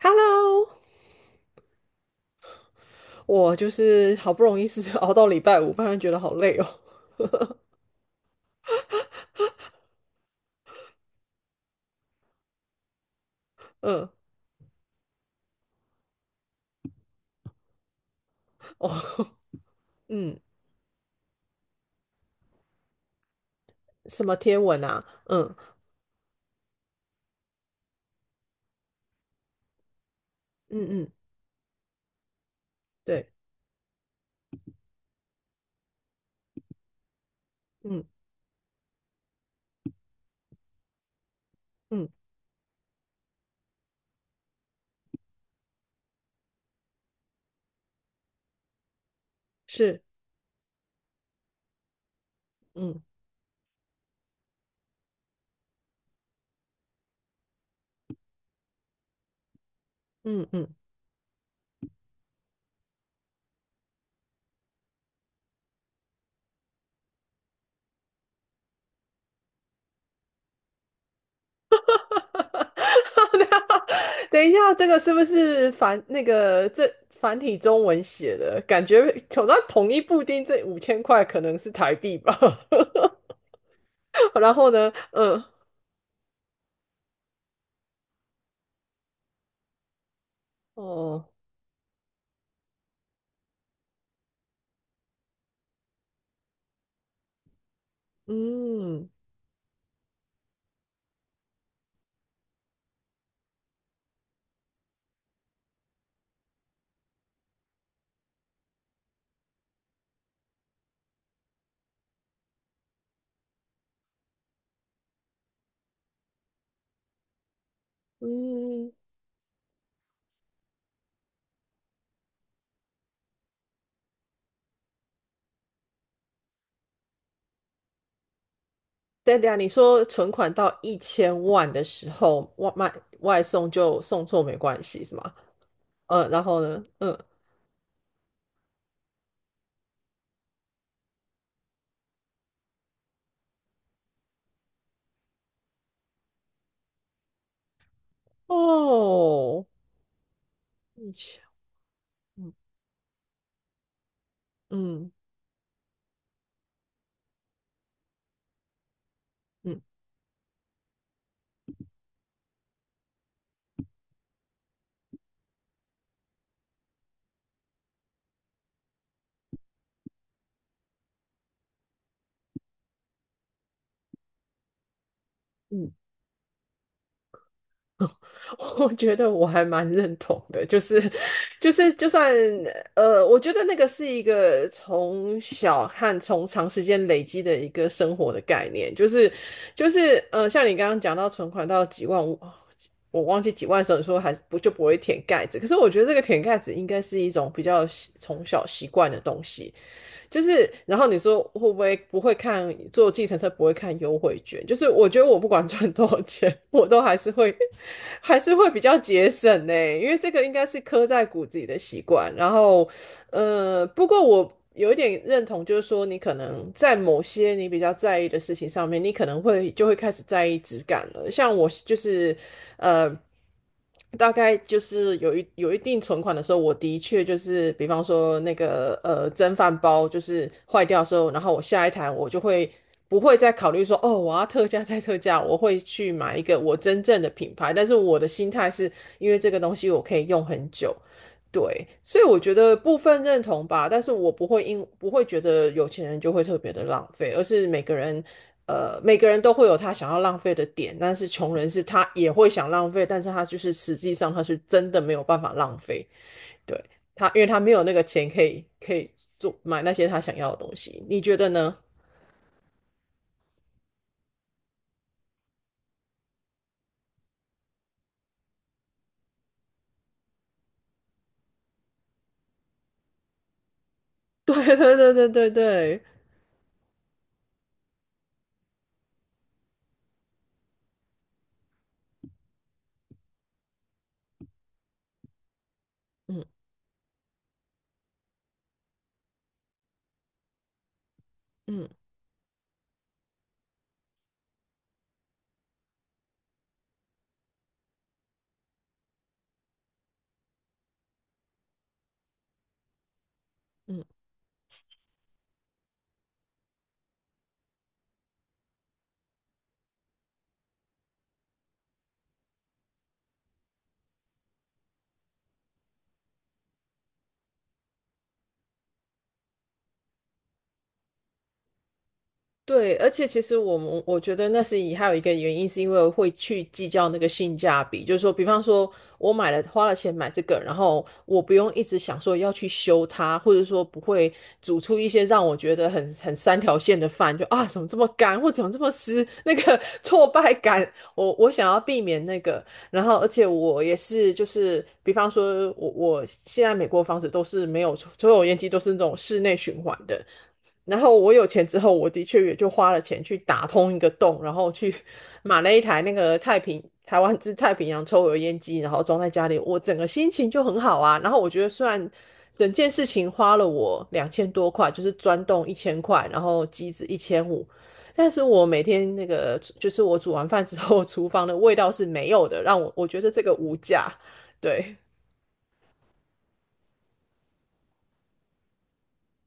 Hello,我就是好不容易是 熬到礼拜五，不然觉得好累哦。嗯，哦，嗯，什么天文啊？嗯嗯嗯，对，嗯嗯是，嗯嗯嗯。等一下，这个是不是繁那个这繁体中文写的？感觉统一布丁这5000块可能是台币吧。然后呢，嗯，哦，嗯嗯，对对啊，你说存款到1000万的时候，外送就送错没关系是吗？嗯，然后呢？嗯，哦，一千，嗯嗯嗯嗯。我觉得我还蛮认同的，就是就算我觉得那个是一个从小和从长时间累积的一个生活的概念，就是像你刚刚讲到存款到几万五我忘记几万的时候，你说还不就不会舔盖子，可是我觉得这个舔盖子应该是一种比较从小习惯的东西。就是，然后你说会不会不会坐计程车不会看优惠券？就是我觉得我不管赚多少钱，我都还是会比较节省呢。欸，因为这个应该是刻在骨子里的习惯。然后，不过我有一点认同，就是说你可能在某些你比较在意的事情上面，你可能会就会开始在意质感了。像我就是，呃，大概就是有一定存款的时候，我的确就是，比方说那个蒸饭包就是坏掉的时候，然后我下一台不会再考虑说，哦，我要特价再特价，我会去买一个我真正的品牌，但是我的心态是因为这个东西我可以用很久。对，所以我觉得部分认同吧，但是我不会觉得有钱人就会特别的浪费，而是每个人，呃，每个人都会有他想要浪费的点。但是穷人是他也会想浪费，但是他就是实际上他是真的没有办法浪费。对，他，因为他没有那个钱可以可以做买那些他想要的东西。你觉得呢？对对对对对对，嗯嗯嗯。对，而且其实我们，我觉得那是以还有一个原因，是因为会去计较那个性价比，就是说，比方说我买了，花了钱买这个，然后我不用一直想说要去修它，或者说不会煮出一些让我觉得很很三条线的饭，就啊怎么这么干，或怎么这么湿，那个 挫败感，我想要避免那个。然后而且我也是就是，比方说我我现在美国房子都是没有抽油烟机，都是那种室内循环的。然后我有钱之后，我的确也就花了钱去打通一个洞，然后去 买了一台那个台湾之太平洋抽油烟机，然后装在家里，我整个心情就很好啊。然后我觉得虽然整件事情花了我2000多块，就是钻洞1000块，然后机子1500，但是我每天那个就是我煮完饭之后，厨房的味道是没有的，让我觉得这个无价。对。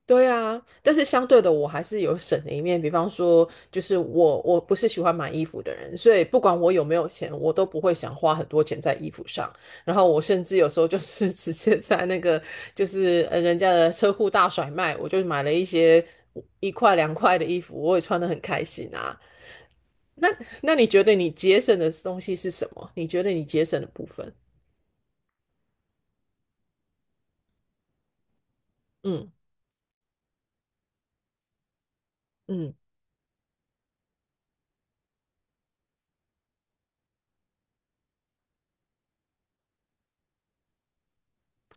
对啊，但是相对的，我还是有省的一面。比方说，就是我不是喜欢买衣服的人，所以不管我有没有钱，我都不会想花很多钱在衣服上。然后我甚至有时候就是 直接在那个就是人家的车库大甩卖，我就买了一些一块两块的衣服，我也穿得很开心啊。那那你觉得你节省的东西是什么？你觉得你节省的部分？嗯嗯，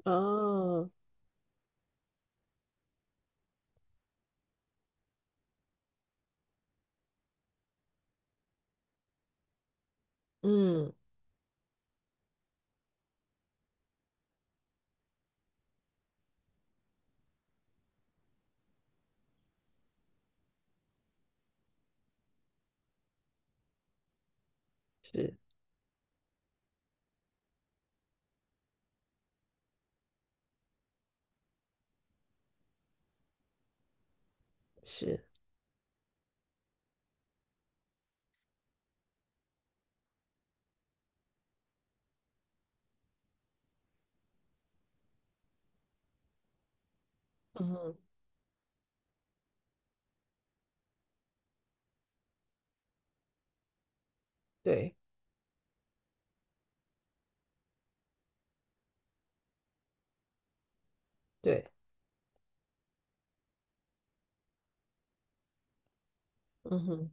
哦，嗯，是是，嗯，对对。嗯哼，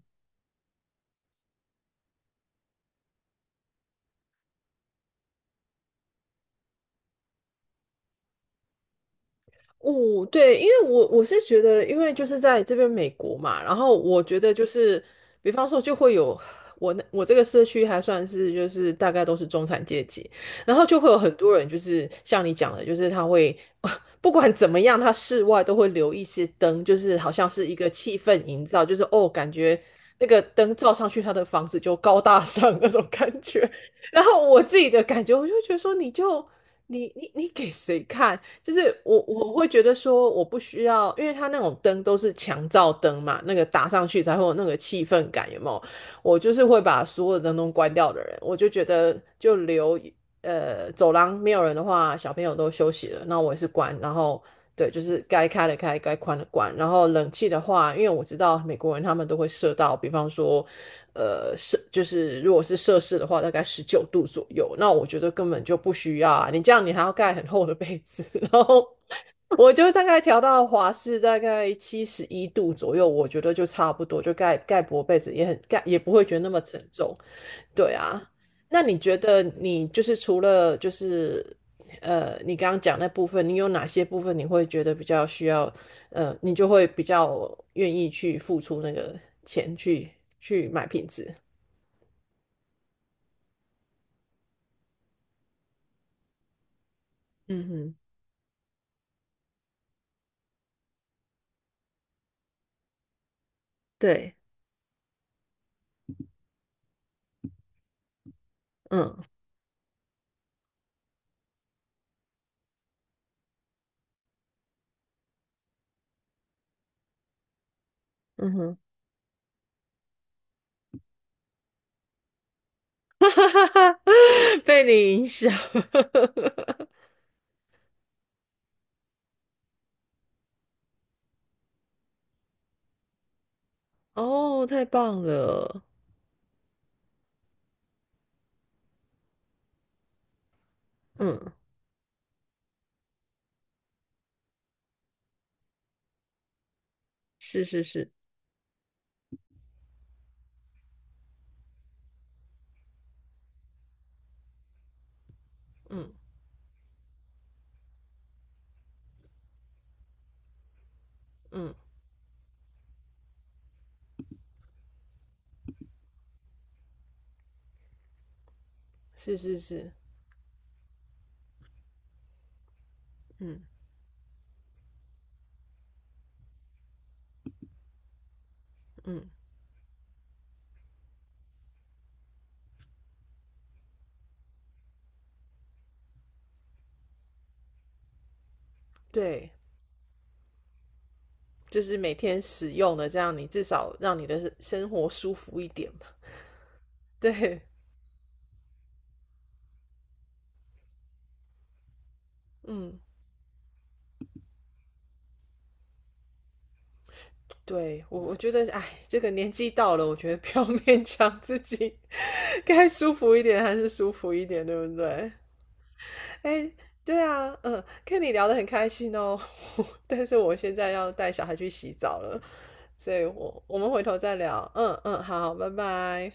哦，对，因为我是觉得，因为就是在这边美国嘛，然后我觉得就是，比方说就会有，我这个社区还算是就是大概都是中产阶级，然后就会有很多人就是像你讲的，就是他会 不管怎么样，他室外都会留一些灯，就是好像是一个气氛营造，就是哦，感觉那个灯照上去，他的房子就高大上那种感觉。然后我自己的感觉，我就觉得说，你给谁看？就是我会觉得说，我不需要，因为它那种灯都是强照灯嘛，那个打上去才会有那个气氛感，有没有？我就是会把所有的灯都关掉的人，我就觉得走廊没有人的话，小朋友都休息了，那我也是关。然后对，就是该开的开，该关的关。然后冷气的话，因为我知道美国人他们都会设到，比方说，呃，就是如果是摄氏的话，大概19度左右。那我觉得根本就不需要啊，你这样你还要盖很厚的被子，然后。我就大概调到华氏大概71度左右，我觉得就差不多，就盖盖薄被子也很盖，也不会觉得那么沉重。对啊，那你觉得你就是除了就是你刚刚讲那部分，你有哪些部分你会觉得比较需要，你就会比较愿意去付出那个钱去买品质？嗯哼，对，嗯，嗯哼，被你影响，哦，太棒了，嗯，是是是，嗯嗯，是是是，嗯嗯，对，就是每天使用的，这样你至少让你的生活舒服一点嘛。对，嗯，对我觉得，哎，这个年纪到了，我觉得 不要勉强自己，该舒服一点还是舒服一点，对不对？哎，对啊，嗯，跟你聊得很开心哦。但是我现在要带小孩去洗澡了，所以我们回头再聊。嗯嗯，好，拜拜。